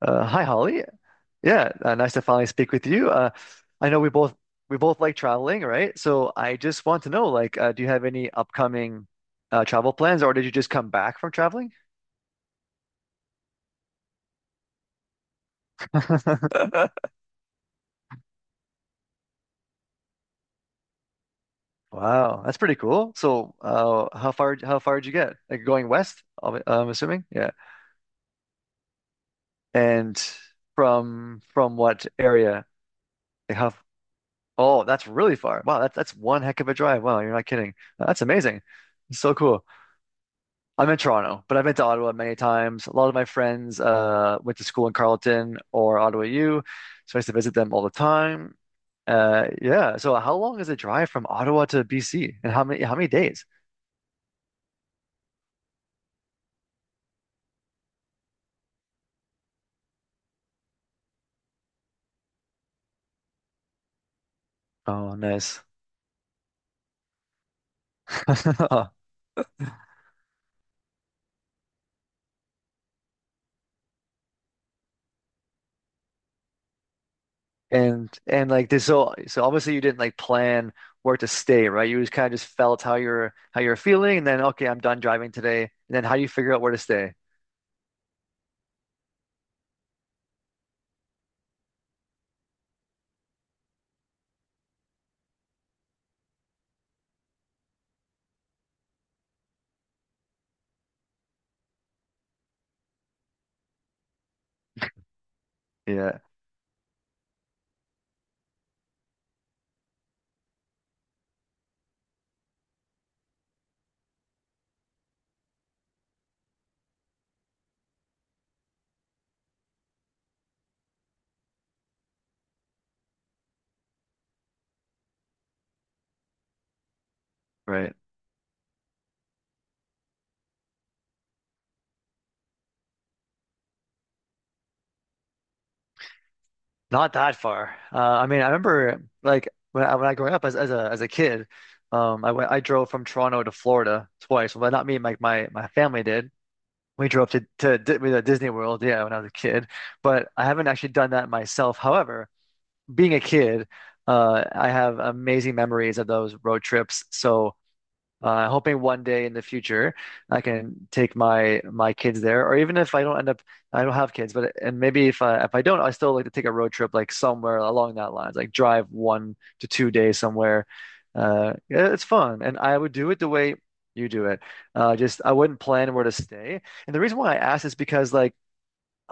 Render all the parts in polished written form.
Hi Holly. Yeah, nice to finally speak with you. I know we both like traveling, right? So I just want to know, do you have any upcoming travel plans, or did you just come back from traveling? Wow, that's pretty cool. So, how far did you get? Like going west, I'm assuming. Yeah, and from what area? Like how? Oh, that's really far. Wow, that's one heck of a drive. Wow, you're not kidding. That's amazing. So cool. I'm in Toronto, but I've been to Ottawa many times. A lot of my friends went to school in Carleton or Ottawa U, so I used to visit them all the time. Yeah. So how long is the drive from Ottawa to BC, and how many days? Oh, nice. And like this, so obviously you didn't like plan where to stay, right? You just kind of just felt how you're feeling, and then okay, I'm done driving today, and then how do you figure out where to stay? Yeah, right. Not that far. I mean, I remember like when I growing up as a kid, I drove from Toronto to Florida twice. Well, not me, like my family did. We drove to Di with, Disney World, yeah, when I was a kid. But I haven't actually done that myself. However, being a kid, I have amazing memories of those road trips. So hoping one day in the future I can take my kids there, or even if I don't end up, I don't have kids, but and maybe if I don't, I still like to take a road trip like somewhere along that lines, like drive 1 to 2 days somewhere. Yeah, it's fun, and I would do it the way you do it. Just I wouldn't plan where to stay, and the reason why I asked is because like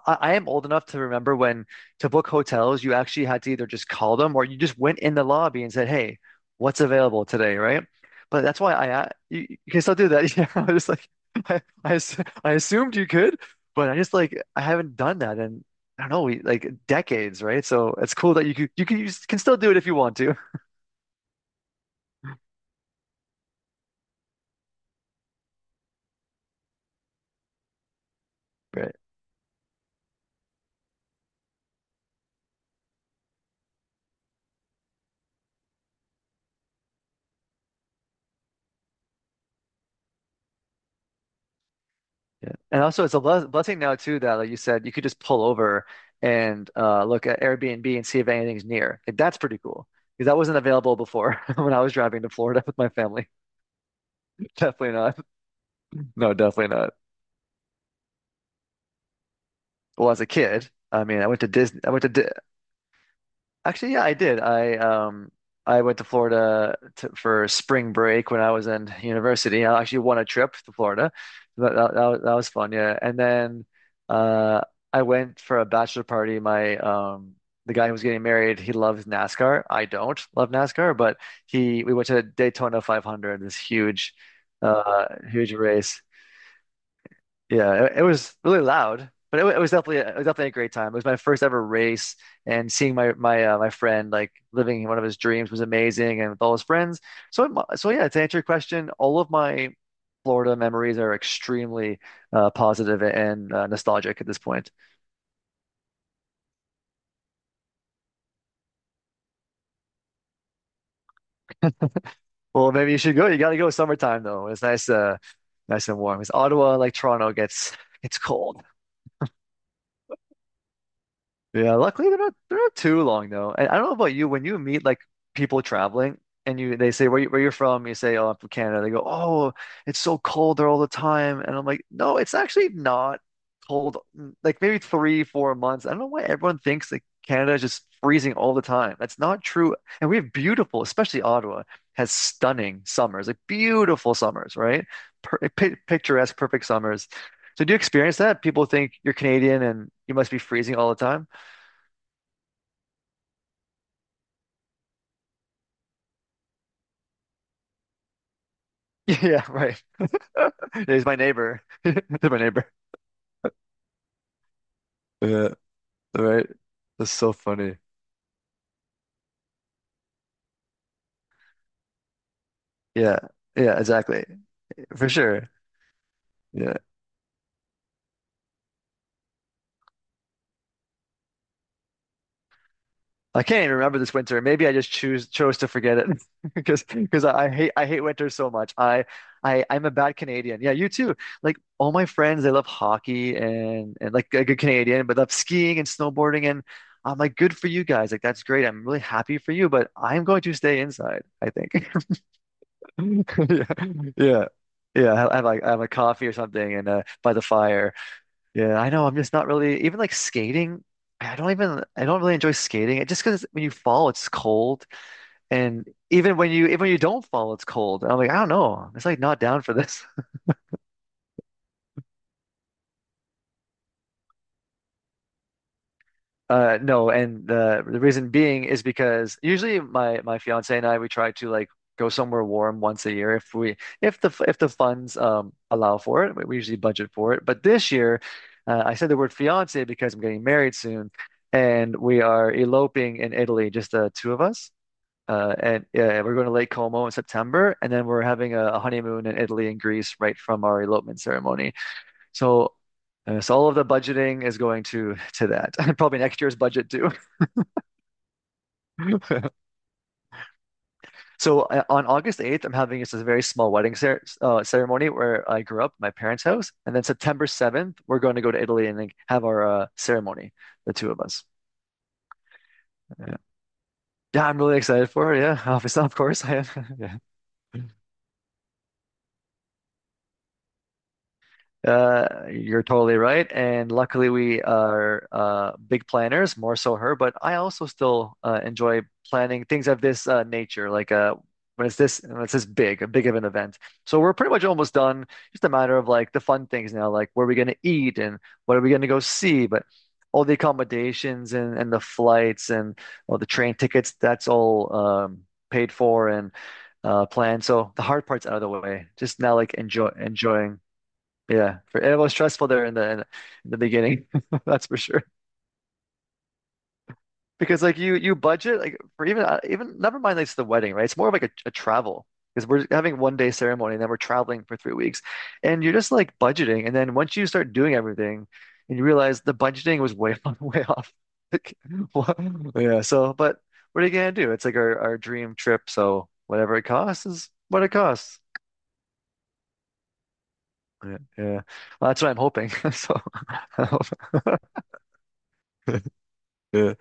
I am old enough to remember when to book hotels, you actually had to either just call them or you just went in the lobby and said, "Hey, what's available today?" Right? But that's why you can still do that. Yeah, I was like, I, I ass- I assumed you could, but I just like I haven't done that in I don't know, like decades, right? So it's cool that you can still do it if you want to. Right. Yeah. And also it's a blessing now too that like you said you could just pull over and look at Airbnb and see if anything's near. Like, that's pretty cool because that wasn't available before when I was driving to Florida with my family. Definitely not. No, definitely not. Well, as a kid, I mean, I went to Disney. I went to Di. Actually, yeah, I did. I went to for spring break when I was in university. I actually won a trip to Florida. That was fun, yeah. And then uh I went for a bachelor party. My The guy who was getting married, he loves NASCAR. I don't love NASCAR, but he we went to Daytona 500, this huge uh huge race. Yeah, it was really loud, but it was definitely it was definitely a great time. It was my first ever race, and seeing my friend like living one of his dreams was amazing, and with all his friends. So yeah, to answer your question, all of my Florida memories are extremely positive and nostalgic at this point. Well, maybe you should go. You got to go summertime though. It's nice, nice and warm. Because Ottawa, like Toronto, gets gets cold. Yeah, luckily they're not too long though. And I don't know about you, when you meet like people traveling and you they say where you're from, you say, oh, I'm from Canada. They go, oh, it's so cold there all the time. And I'm like, no, it's actually not cold. Mm, like maybe three, 4 months. I don't know why everyone thinks that Canada is just freezing all the time. That's not true. And we have beautiful, especially Ottawa has stunning summers, like beautiful summers, right? Per pi picturesque, perfect summers. So do you experience that? People think you're Canadian and you must be freezing all the time. Yeah, right. He's my neighbor. He's my neighbor. Yeah, right. That's so funny. Yeah, yeah, exactly. For sure. Yeah. I can't even remember this winter. Maybe I just choose chose to forget it because I hate winter so much. I'm a bad Canadian. Yeah, you too. Like all my friends, they love hockey and like a good Canadian, but love skiing and snowboarding. And I'm like, good for you guys. Like that's great. I'm really happy for you, but I'm going to stay inside, I think. Yeah, yeah, yeah. I have a coffee or something, and by the fire. Yeah, I know. I'm just not really even like skating. I don't really enjoy skating. It just because when you fall, it's cold, and even when you don't fall, it's cold. And I'm like I don't know. It's like not down for this. No, and the reason being is because usually my fiance and I we try to like go somewhere warm once a year if we if the funds allow for it. We usually budget for it. But this year, I said the word fiance because I'm getting married soon, and we are eloping in Italy, just the two of us. And We're going to Lake Como in September, and then we're having a honeymoon in Italy and Greece right from our elopement ceremony. So, so all of the budgeting is going to that. Probably next year's budget too. So on August 8th, I'm having just a very small wedding cer ceremony where I grew up, my parents' house, and then September 7th, we're going to go to Italy and like, have our ceremony, the two of us. Yeah. Yeah, I'm really excited for it. Yeah, obviously, of course I am. Yeah. You're totally right. And luckily, we are big planners, more so her, but I also still enjoy planning things of this nature, like when it's this big, a big of an event. So we're pretty much almost done. Just a matter of like the fun things now, like where are we going to eat and what are we going to go see? But all the accommodations and the flights and all the train tickets, that's all paid for and planned. So the hard part's out of the way. Just now, like enjoying. Yeah, for, and it was stressful there the beginning, that's for sure. Because like you budget like for even never mind like it's the wedding, right? It's more of like a travel because we're having 1 day ceremony and then we're traveling for 3 weeks, and you're just like budgeting, and then once you start doing everything, and you realize the budgeting was way way off. Like, what? Yeah. So, but what are you gonna do? It's like our dream trip, so whatever it costs is what it costs. Yeah, yeah. Well, that's what I'm hoping. So, yeah.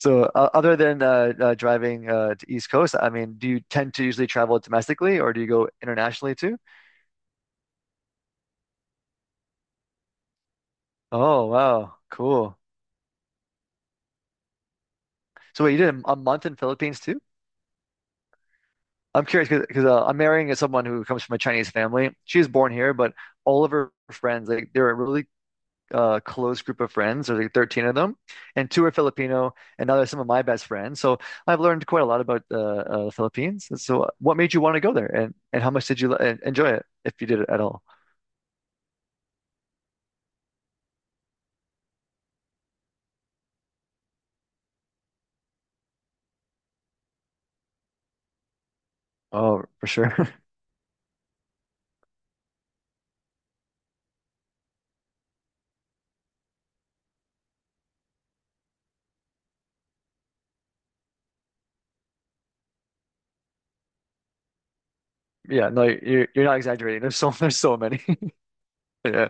So, other than driving to East Coast, I mean, do you tend to usually travel domestically or do you go internationally too? Oh, wow, cool. So, wait, you did a month in Philippines too? I'm curious because I'm marrying someone who comes from a Chinese family. She was born here, but all of her friends, like, they're a really close group of friends. There's like 13 of them, and two are Filipino, and now they're some of my best friends. So, I've learned quite a lot about the Philippines. So, what made you want to go there, and how much did you enjoy it, if you did it at all? Oh, for sure. Yeah, no, you're not exaggerating. There's so there's so many. Yeah,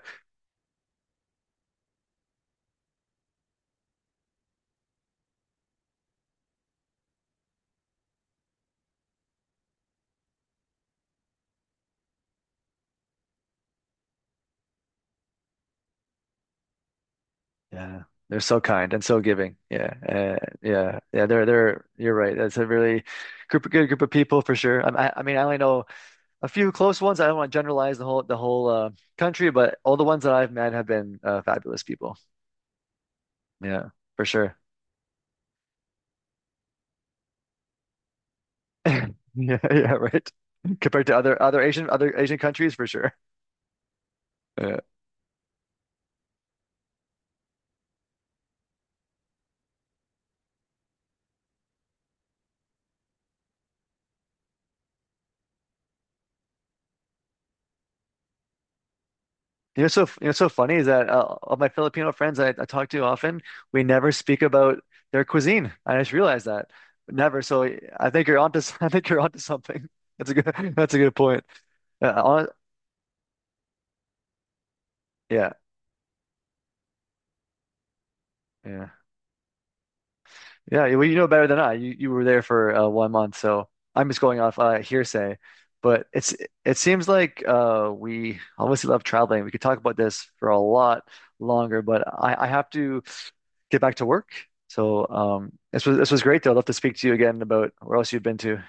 yeah. They're so kind and so giving. Yeah, yeah, yeah. They're they're. You're right. That's a really group good group of people for sure. I mean, I only know a few close ones. I don't want to generalize the whole country, but all the ones that I've met have been fabulous people. Yeah, for sure. Yeah, yeah, right. Compared to other Asian countries, for sure. Yeah. You know, you know, so funny is that all my Filipino friends I talk to often, we never speak about their cuisine. I just realized that. Never. So I think I think you're onto something. That's a good that's a good point. Yeah, hon- yeah, yeah, Well, you know better than I. You were there for 1 month, so I'm just going off hearsay. But it seems like we obviously love traveling. We could talk about this for a lot longer, but I have to get back to work. So this was great though. I'd love to speak to you again about where else you've been to.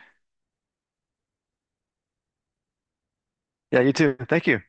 Yeah, you too. Thank you.